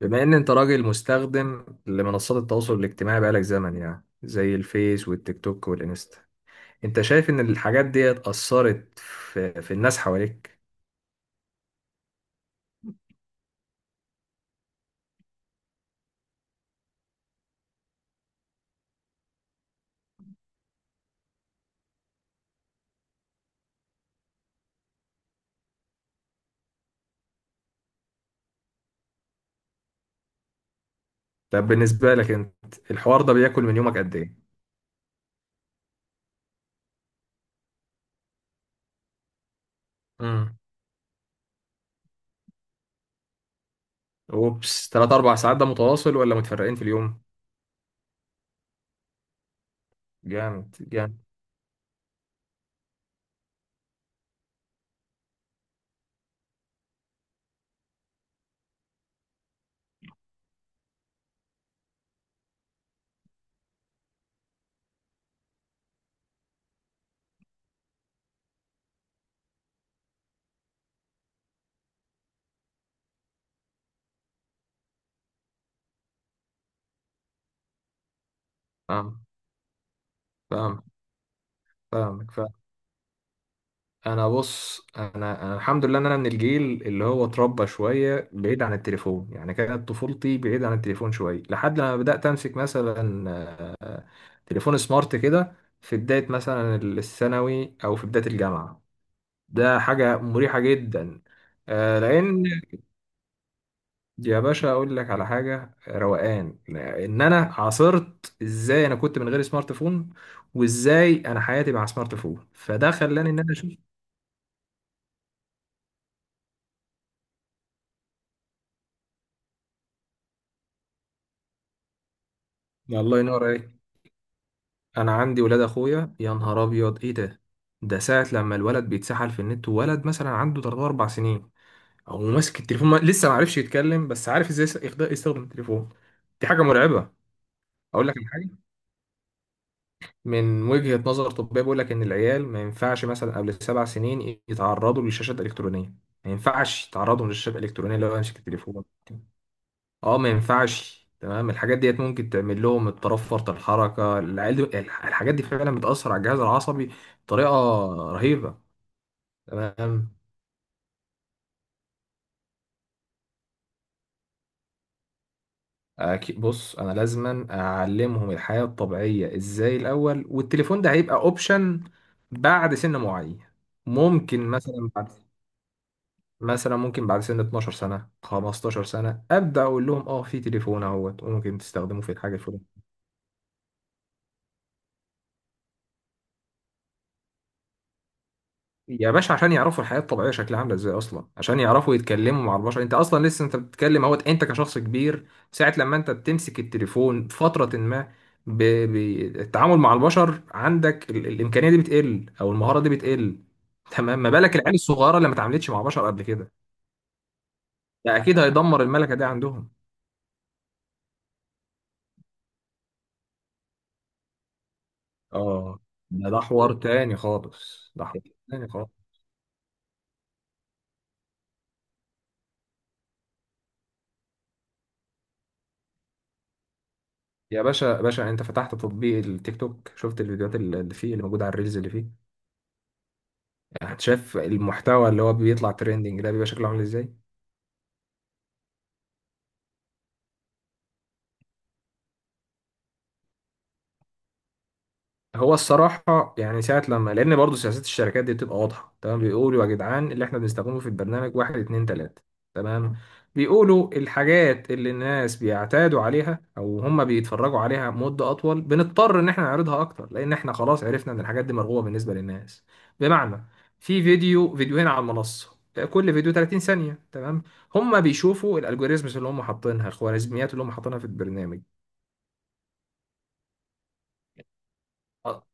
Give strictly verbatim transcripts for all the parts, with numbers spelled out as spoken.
بما ان انت راجل مستخدم لمنصات التواصل الاجتماعي بقالك زمن، يعني زي الفيس والتيك توك والانستا. انت شايف ان الحاجات دي اثرت في, في الناس حواليك؟ طب بالنسبة لك انت، الحوار ده بياكل من يومك قد ايه؟ امم اوبس، تلاتة أربعة ساعات، ده متواصل ولا متفرقين في اليوم؟ جامد جامد. فاهم. فاهم. فاهمك، فاهم. انا، بص، انا، انا الحمد لله ان انا من الجيل اللي هو اتربى شويه بعيد عن التليفون، يعني كانت طفولتي بعيد عن التليفون شويه لحد لما بدات امسك مثلا تليفون سمارت كده في بداية مثلا الثانوي أو في بداية الجامعة. ده حاجة مريحة جدا. آه، لأن... يا باشا أقول لك على حاجة، آه، روقان إن أنا عاصرت إزاي أنا كنت من غير سمارت فون وإزاي أنا حياتي مع سمارت فون. فده خلاني إن أنا أشوف. الله ينور عليك. أنا عندي ولاد أخويا، يا نهار أبيض إيه ده! ده ساعة لما الولد بيتسحل في النت، وولد مثلا عنده ثلاث أربع سنين هو ماسك التليفون، ما... لسه ما عرفش يتكلم بس عارف ازاي يس- يخد- يستخدم التليفون. دي حاجه مرعبه. اقول لك على حاجه، من وجهه نظر طبيه بيقول لك ان العيال ما ينفعش مثلا قبل سبع سنين يتعرضوا للشاشات الالكترونيه. ما ينفعش يتعرضوا للشاشات الالكترونيه لو يمسك التليفون. اه ما ينفعش، تمام. الحاجات ديت ممكن تعمل لهم اضطراب فرط الحركه. العيال دي الح- الحاجات دي فعلا بتاثر على الجهاز العصبي بطريقه رهيبه. تمام. أكي- بص انا لازما اعلمهم الحياة الطبيعية ازاي الاول، والتليفون ده هيبقى اوبشن بعد سن معين. ممكن مثلا بعد، مثلا ممكن بعد سن 12 سنة 15 سنة ابدا اقول لهم اه في تليفون اهوت وممكن تستخدمه في الحاجة الفلانية. يا باشا، عشان يعرفوا الحياة الطبيعية شكلها عاملة ازاي أصلا، عشان يعرفوا يتكلموا مع البشر. أنت أصلا لسه أنت بتتكلم أهوت، أنت كشخص كبير ساعة لما أنت بتمسك التليفون فترة ما، ب- ب- التعامل مع البشر عندك ال- الإمكانية دي بتقل أو المهارة دي بتقل. تمام، ما بالك العيال الصغيرة اللي ما اتعاملتش مع بشر قبل كده؟ ده أكيد هيدمر الملكة دي عندهم. آه. ده ده حوار تاني خالص، ده حوار تاني خالص. يا باشا باشا، أنت فتحت تطبيق التيك توك، شفت الفيديوهات اللي فيه، اللي موجودة على الريلز اللي فيه؟ يعني انت شايف المحتوى اللي هو بيطلع تريندنج ده بيبقى شكله عامل ازاي؟ هو الصراحة يعني ساعة لما، لأن برضه سياسات الشركات دي بتبقى واضحة. تمام؟ بيقولوا يا جدعان اللي احنا بنستخدمه في البرنامج واحد اتنين تلاتة. تمام؟ بيقولوا الحاجات اللي الناس بيعتادوا عليها أو هم بيتفرجوا عليها مدة أطول بنضطر إن احنا نعرضها أكتر، لأن احنا خلاص عرفنا إن الحاجات دي مرغوبة بالنسبة للناس. بمعنى، في فيديو فيديوهين على المنصة، كل فيديو 30 ثانية، تمام؟ هم بيشوفوا الالجوريزمز اللي هم حاطينها، الخوارزميات اللي هم حاطينها في البرنامج. آه،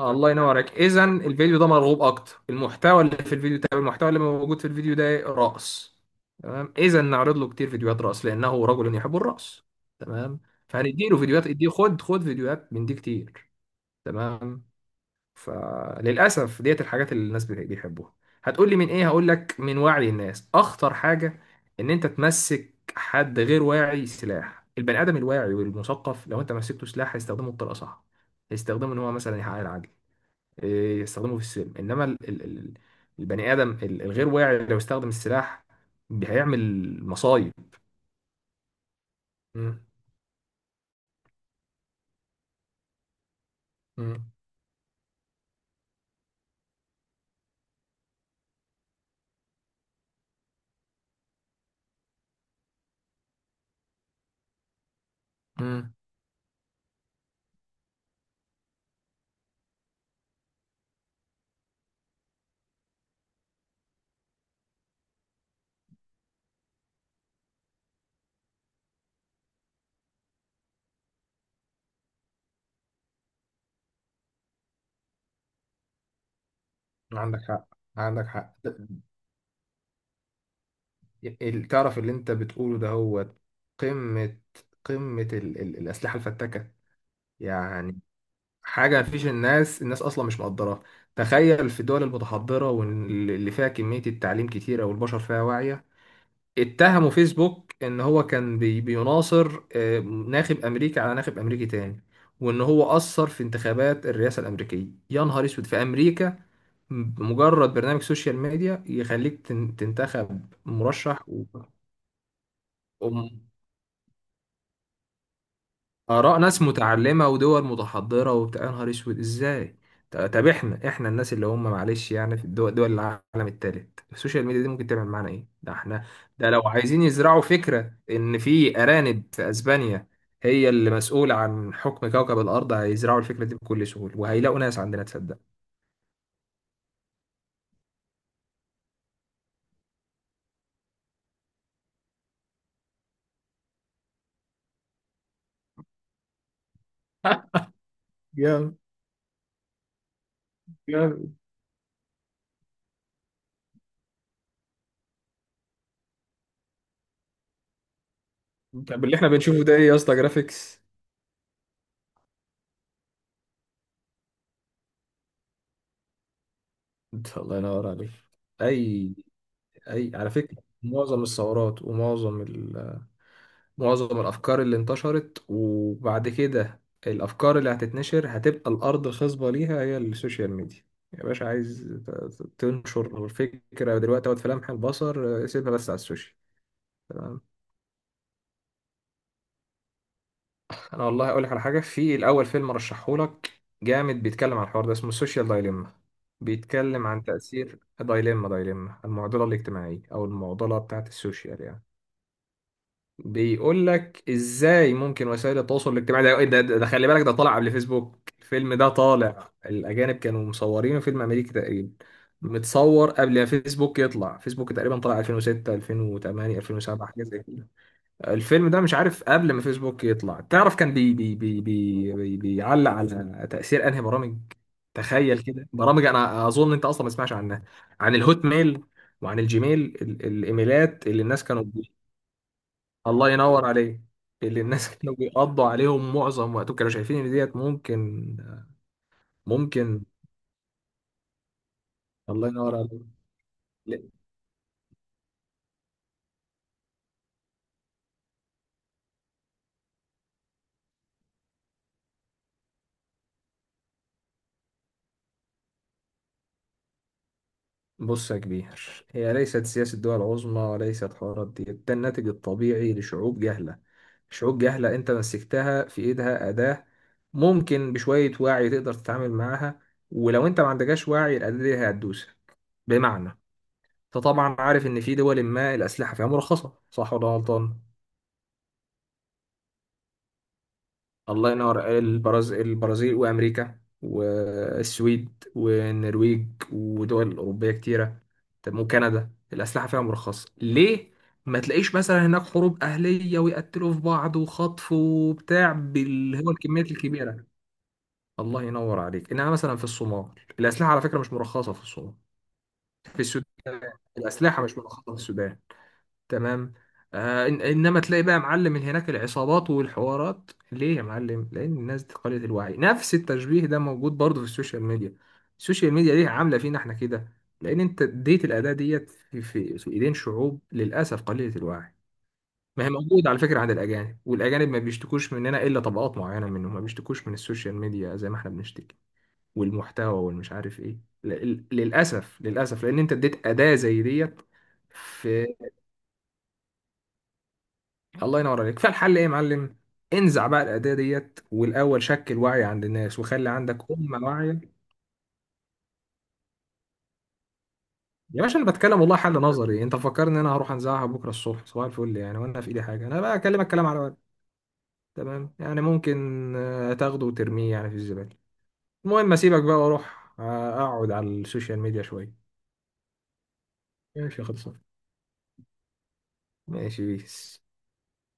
آه، الله ينور عليك. اذا الفيديو ده مرغوب اكتر، المحتوى اللي في الفيديو، طب المحتوى اللي موجود في الفيديو ده إيه؟ رقص. تمام، اذا نعرض له كتير فيديوهات رقص لانه رجل يحب الرقص. تمام. فهنديله فيديوهات، اديه خد خد فيديوهات من دي كتير. تمام. فللاسف ديت الحاجات اللي الناس بي- بيحبوها. هتقول لي من ايه؟ هقول لك من وعي الناس. اخطر حاجه ان انت تمسك حد غير واعي سلاح. البني ادم الواعي والمثقف لو انت مسكته سلاح هيستخدمه بطريقه صح، هيستخدمه ان هو مثلا يحقق العدل، إيه، يستخدمه في السلم. انما ال- ال- ال- البني ادم ال- الغير واعي لو استخدم السلاح هيعمل مصايب. مم. مم. مم. عندك حق. عندك حق. ال- تعرف اللي انت بتقوله ده هو قمة، قمة ال ال الأسلحة الفتاكة. يعني حاجة مفيش. الناس، الناس أصلا مش مقدراها. تخيل في الدول المتحضرة واللي فيها كمية التعليم كتيرة والبشر فيها واعية اتهموا فيسبوك ان هو كان بي بيناصر آه، ناخب امريكي على ناخب امريكي تاني، وان هو اثر في انتخابات الرئاسه الامريكيه. يا نهار اسود في امريكا! بمجرد برنامج سوشيال ميديا يخليك تن- تنتخب مرشح و... آراء ناس متعلمة ودول متحضرة وبتاع، يا نهار أسود إزاي؟ ط- طب إحنا، إحنا الناس اللي هم معلش يعني في الدول، دول العالم التالت، السوشيال ميديا دي ممكن تعمل معانا إيه؟ ده إحنا، ده لو عايزين يزرعوا فكرة إن في أرانب في أسبانيا هي اللي مسؤولة عن حكم كوكب الأرض هيزرعوا الفكرة دي بكل سهولة وهيلاقوا ناس عندنا تصدق. جامد جامد. طب اللي إحنا بنشوفه ده إيه يا اسطى، جرافيكس؟ الله ينور عليك. أي، أي على فكرة معظم الثورات، ومعظم ال معظم الأفكار اللي انتشرت، وبعد كده الأفكار اللي هتتنشر، هتبقى الأرض الخصبة ليها هي السوشيال ميديا. يا باشا عايز ت- ت- تنشر الفكرة دلوقتي أو في لمح البصر، آه، سيبها بس على السوشيال. تمام. أنا والله أقول لك على حاجة في الأول، فيلم رشحهولك جامد بيتكلم عن الحوار ده، اسمه السوشيال دايليما. بيتكلم عن تأثير دايليما، دايليما المعضلة الاجتماعية أو المعضلة بتاعت السوشيال يعني. بيقول لك ازاي ممكن وسائل التواصل الاجتماعي ده إيه؟ ده, ده, ده خلي بالك ده طالع قبل فيسبوك، الفيلم ده طالع الاجانب كانوا مصورينه، فيلم امريكي تقريبا، متصور قبل ما فيسبوك يطلع. فيسبوك تقريبا طلع الفين وستة الفين وتمانية الفين وسبعة حاجه زي كده. الفيلم ده مش عارف قبل ما فيسبوك يطلع، تعرف كان بي بي بي بي بي بيعلق على تاثير انهي برامج؟ تخيل كده برامج انا اظن انت اصلا ما تسمعش عنها، عن الهوت ميل وعن الجيميل، ال- الايميلات اللي الناس كانوا... الله ينور عليك. اللي الناس كانوا بيقضوا عليهم معظم وقتهم، كانوا شايفين ان ديت ممكن، ممكن. الله ينور عليك. لا، بص يا كبير، هي ليست سياسة دول عظمى وليست حوارات. دي ده الناتج الطبيعي لشعوب جهلة. شعوب جهلة انت مسكتها في ايدها أداة ممكن بشوية وعي تقدر تتعامل معاها، ولو انت ما عندكش وعي الأداة دي هتدوسك. بمعنى، انت طبعا عارف ان في دول ما الأسلحة فيها مرخصة، صح ولا غلطان؟ الله ينور. البرازيل، البرازيل وامريكا والسويد والنرويج ودول اوروبيه كتيره. طب وكندا، الاسلحه فيها مرخصه ليه؟ ما تلاقيش مثلا هناك حروب اهليه ويقتلوا في بعض وخطف وبتاع بال هو الكميات الكبيره. الله ينور عليك. انها مثلا في الصومال، الاسلحه على فكره مش مرخصه في الصومال. في السودان الاسلحه مش مرخصه في السودان. تمام. آه، إن- انما تلاقي بقى معلم هناك العصابات والحوارات ليه يا معلم؟ لان الناس دي قليلة الوعي. نفس التشبيه ده موجود برضه في السوشيال ميديا. السوشيال ميديا ليه عامله فينا احنا كده؟ لان انت اديت الاداه ديت في, في, في ايدين شعوب للاسف قليله الوعي. ما هي موجودة على فكرة عند الأجانب، والأجانب ما بيشتكوش مننا، إلا طبقات معينة منهم ما بيشتكوش من السوشيال ميديا زي ما احنا بنشتكي، والمحتوى والمش عارف إيه. ل- ل- للأسف، للأسف لأن أنت اديت أداة زي ديت. الله ينور عليك. فالحل ايه يا معلم؟ انزع بقى الاداه ديت والاول شكل وعي عند الناس وخلي عندك امه واعيه. يا باشا انا بتكلم والله حل نظري، انت فكرني ان انا هروح انزعها بكره الصبح صباح الفل، يعني وانا في ايدي حاجه انا بقى اكلمك كلام على ورق. تمام، يعني ممكن آه، تاخده وترميه يعني في الزباله. المهم اسيبك بقى واروح آه، اقعد على السوشيال ميديا شويه. ماشي، خلصان. ماشي، بيس.